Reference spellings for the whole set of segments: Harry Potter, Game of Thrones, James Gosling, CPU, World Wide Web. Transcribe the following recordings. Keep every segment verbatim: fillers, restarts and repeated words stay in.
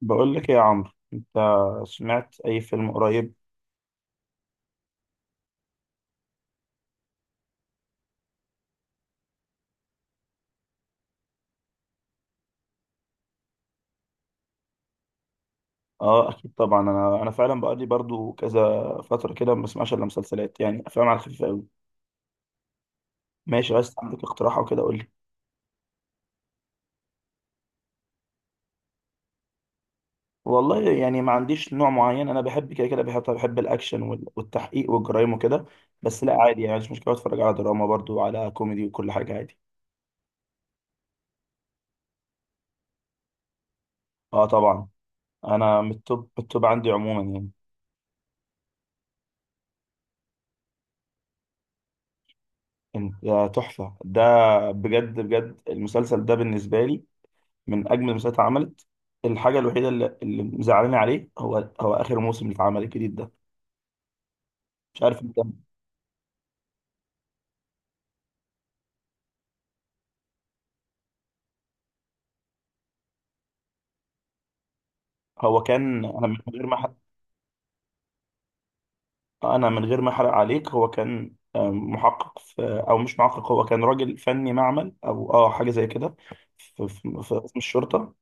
بقول لك إيه يا عمرو؟ انت سمعت اي فيلم قريب؟ اه اكيد طبعا. انا انا فعلا بقالي برضو كذا فتره كده ما بسمعش الا مسلسلات، يعني افلام على الخفيف قوي. ماشي، عايز عندك اقتراح او كده قول لي. والله يعني ما عنديش نوع معين، انا بحب كده كده، بحب بحب الاكشن وال- والتحقيق والجرايم وكده. بس لا عادي يعني، مش مشكله اتفرج على دراما، برضو على كوميدي، وكل حاجه عادي. اه طبعا، انا من التوب التوب عندي عموما يعني. إن- يا تحفه ده، بجد بجد المسلسل ده بالنسبه لي من اجمل المسلسلات اللي اتعملت. الحاجه الوحيده اللي, اللي مزعلاني عليه هو هو اخر موسم اللي اتعمل الجديد ده. مش عارف انت. هو كان انا من غير ما أحرق- انا من غير ما احرق عليك، هو كان آم، محقق في، او مش محقق، هو كان راجل فني معمل او اه حاجه زي كده في في, في قسم الشرطه.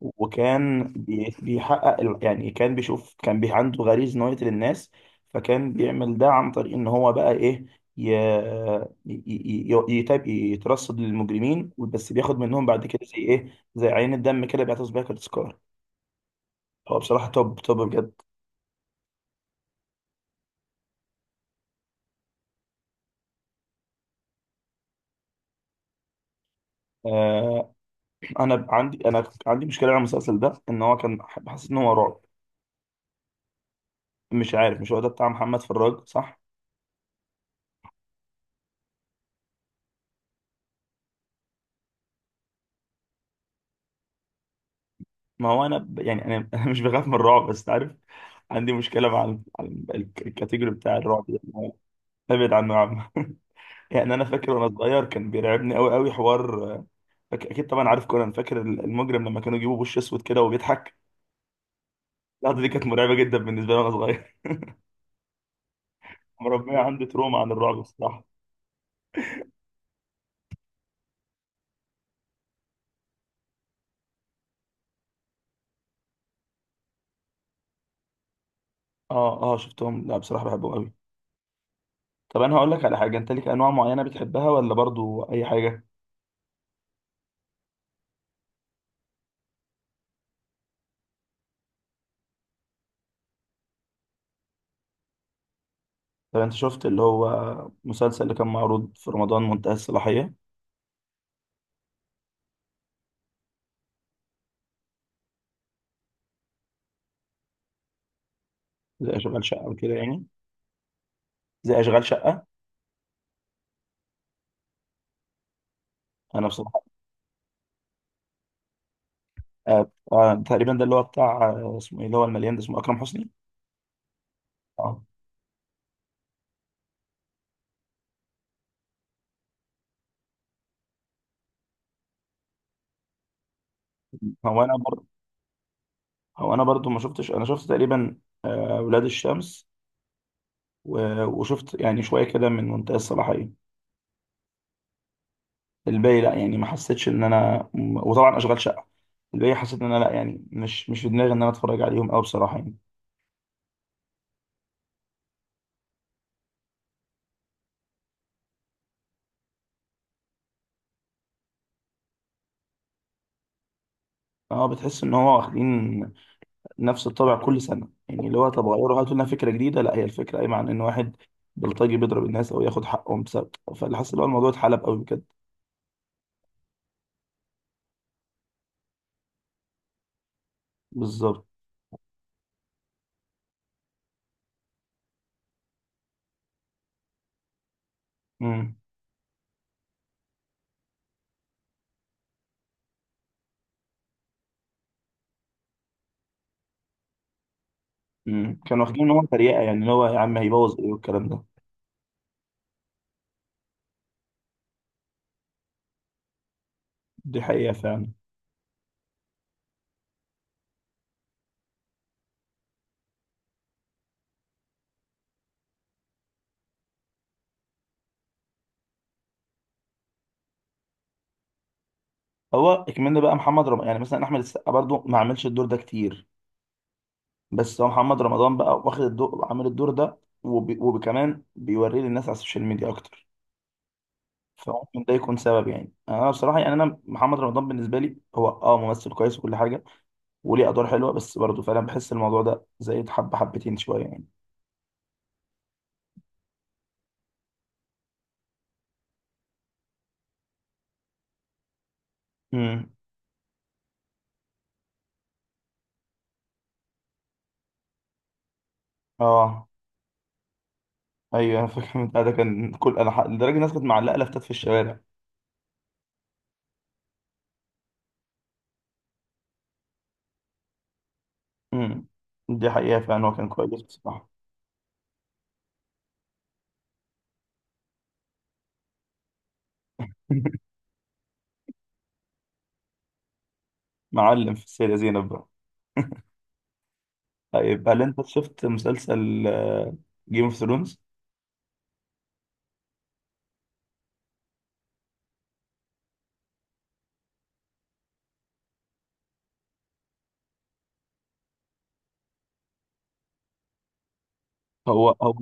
وكان بي- بيحقق ال- يعني كان بيشوف، كان بي عنده غريزة إن هو يقتل الناس. فكان بيعمل ده عن طريق إن هو بقى إيه، ي... ي... ي... يتاب... يترصد للمجرمين، بس بياخد منهم بعد كده زي إيه، زي عين الدم كده، بيعتز بيها كتذكار. هو بصراحة توب توب بجد. آه، أنا عندي أنا عندي مشكلة على المسلسل ده، إن هو كان، حسيت إن هو رعب. مش عارف، مش هو ده بتاع محمد فراج؟ صح؟ ما هو انا ب- يعني انا انا مش بخاف من الرعب بس عارف عندي مشكله مع ال- على ال- الكاتيجوري بتاع الرعب ده يعني. ابعد عنه يا عم يعني انا فاكر وانا صغير كان بيرعبني قوي قوي حوار. فاك- اكيد طبعا عارف كونان، فاكر ال- المجرم لما كانوا يجيبوا وش اسود كده وبيضحك؟ اللحظه دي كانت مرعبه جدا بالنسبه لي وانا صغير. مربيه عندي تروما عن الرعب بصراحه. اه اه شفتهم، لا بصراحه بحبهم قوي. طب انا هقول لك على حاجه، انت ليك انواع معينه بتحبها ولا برضو اي حاجه؟ طب انت شفت اللي هو مسلسل اللي كان معروض في رمضان منتهى الصلاحيه؟ زي اشغال شقه وكده يعني. زي اشغال شقه. انا بصراحه. آه آه تقريبا ده اللي هو بتاع آه، اسمه ايه اللي هو المليان ده، اسمه اكرم حسني. اه. هو انا برضه، هو انا برضه ما شفتش، انا شفت تقريبا آه ولاد الشمس، و- وشفت يعني شويه كده من منتهى الصلاحيه. الباقي لا يعني، ما حسيتش ان انا، وطبعا اشغال شقه، الباقي حسيت ان انا لا يعني، مش مش في دماغي ان انا اتفرج عليهم قوي بصراحه يعني. اه بتحس ان هو واخدين نفس الطابع كل سنه، يعني اللي هو طب غيروا هاتوا لنا فكره جديده، لا هي الفكره قايمه عن ان واحد بلطجي بيضرب الناس او ياخد حقهم بسبب، فاللي حاسس ان هو الموضوع اتحلب قوي بجد. بالظبط. امم امم كانوا واخدين ان هو تريقه، يعني اللي هو يا عم هيبوظ ايه والكلام ده. دي حقيقه فعلا. هو اكملنا بقى محمد رمضان، يعني مثلا احمد السقا برضو ما عملش الدور ده كتير، بس هو محمد رمضان بقى واخد الدور، عامل الدور ده، وب- وكمان بيوريه للناس على السوشيال ميديا اكتر، فممكن ده يكون سبب يعني. انا بصراحه يعني، انا محمد رمضان بالنسبه لي هو اه ممثل كويس وكل حاجه وليه ادوار حلوه، بس برضه فعلا بحس الموضوع ده زايد حبه حبتين شويه يعني. امم اه. ايوه انا فاكر من ده، كان كل انا ح... لدرجه الناس كانت معلقه لافتات في الشوارع. امم. دي حقيقه فعلا، هو كان كويس بصراحه. معلم في السيده زينب بقى. طيب هل انت شفت مسلسل جيم اوف ثرونز؟ هو هو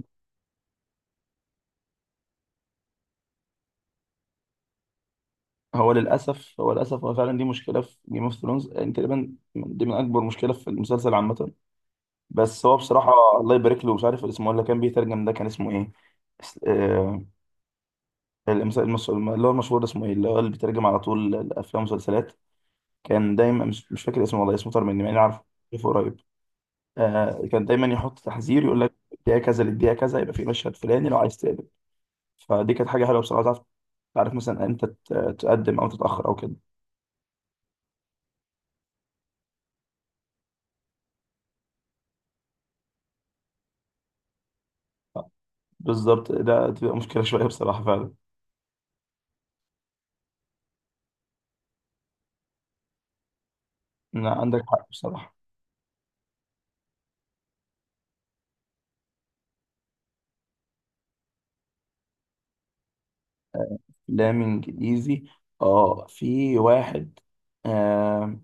هو للاسف، هو للاسف هو فعلا دي مشكله في جيم اوف ثرونز، تقريبا دي من اكبر مشكله في المسلسل عامه. بس هو بصراحه الله يبارك له، مش عارف اسمه ولا، كان بيترجم ده كان اسمه ايه؟ يعني المس- المس- اللي هو المشهور ده اسمه ايه، اللي هو اللي بيترجم على طول الافلام والمسلسلات. كان دايما، مش مش فاكر اسمه والله، اسمه طار مني مع اني عارفه، عارفه قريب. آه، كان دايما يحط تحذير يقول لك الدقيقه كذا للدقيقه كذا يبقى في مشهد فلاني لو عايز تقلب، فدي كانت حاجه حلوه بصراحه. تعرف، تعرف مثلا انت ت- تقدم او تتاخر او كده. بالظبط، ده تبقى مشكله شويه بصراحه فعلا. إن عندك حق بصراحه. آه، افلام انجليزي. اه في واحد، آه،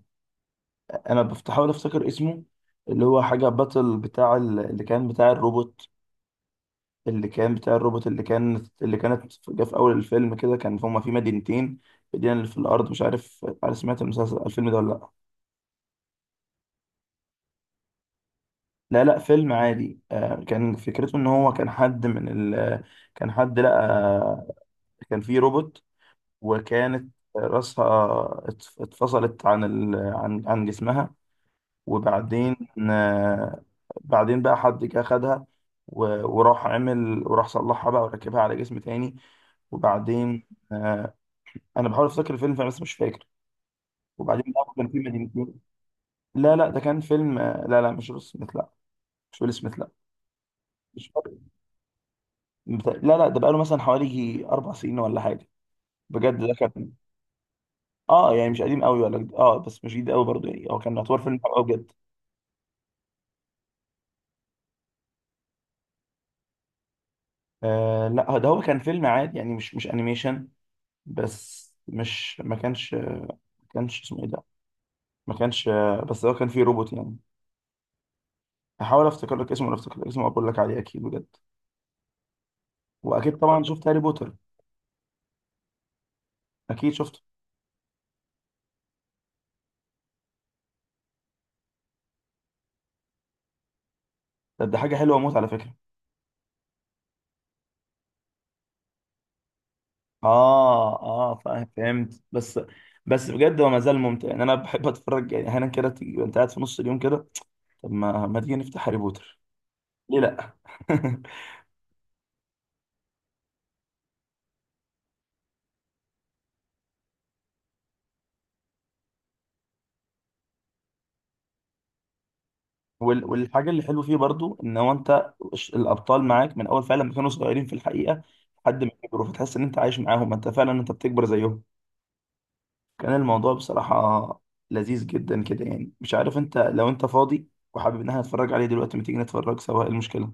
انا بحاول افتكر اسمه، اللي هو حاجه باتل بتاع ال- اللي كان بتاع الروبوت، اللي كان بتاع الروبوت، اللي كان اللي كانت في- جه في اول الفيلم كده، كان هما في مدينتين، مدينه اللي في الارض. مش عارف، عارف سمعت المسلسل الفيلم ده ولا لا؟ لا لا فيلم عادي. آه، كان فكرته ان هو كان حد من ال... كان حد لقى، كان في روبوت، وكانت راسها اتف- اتفصلت عن ال... عن عن جسمها، وبعدين آه، بعدين بقى حد جه خدها، و- وراح عمل، وراح صلحها بقى وركبها على جسم تاني. وبعدين آه، انا بحاول افتكر الفيلم فعلا بس مش فاكر. وبعدين بقى كان في مدينتين. لا لا ده كان فيلم، آه، لا لا مش ويل سميث لا، مش ويل سميث لا. مش فاكر. بتا- لا لا ده بقاله مثلا حوالي يجي اربع سنين ولا حاجه، بجد ده كان. اه يعني مش قديم قوي ولا جد- اه بس مش جديد قوي برضه يعني، هو كان يعتبر فيلم حلو قوي بجد. آه لا ده هو كان فيلم عادي يعني، مش مش انيميشن. بس مش، ما كانش ما كانش اسمه ايه ده، ما كانش، بس هو كان فيه روبوت يعني. هحاول افتكر لك اسمه، لو افتكر اسمه اقول لك عليه اكيد بجد. واكيد طبعا شفت هاري بوتر؟ اكيد شفته. ده, ده حاجه حلوه موت على فكره. اه اه فاهم، فهمت بس. بس بجد هو ما زال ممتع، يعني انا بحب اتفرج يعني احيانا كده تيجي انت قاعد في نص اليوم كده، طب ما ما تيجي نفتح هاري بوتر، ليه لا؟ وال- والحاجة اللي حلو فيه برضو ان هو انت ش- الابطال معاك من اول فعلا ما كانوا صغيرين في الحقيقة لحد ما كبروا، فتحس ان انت عايش معاهم، انت فعلا انت بتكبر زيهم. كان الموضوع بصراحة لذيذ جدا كده يعني. مش عارف انت، لو انت فاضي وحابب ان احنا نتفرج عليه دلوقتي، ما تيجي نتفرج سوا، ايه المشكلة؟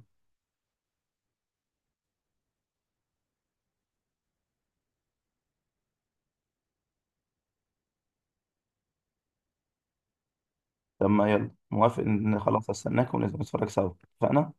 طب ما يلا موافق ان، خلاص استناك ونتفرج سوا. اتفقنا.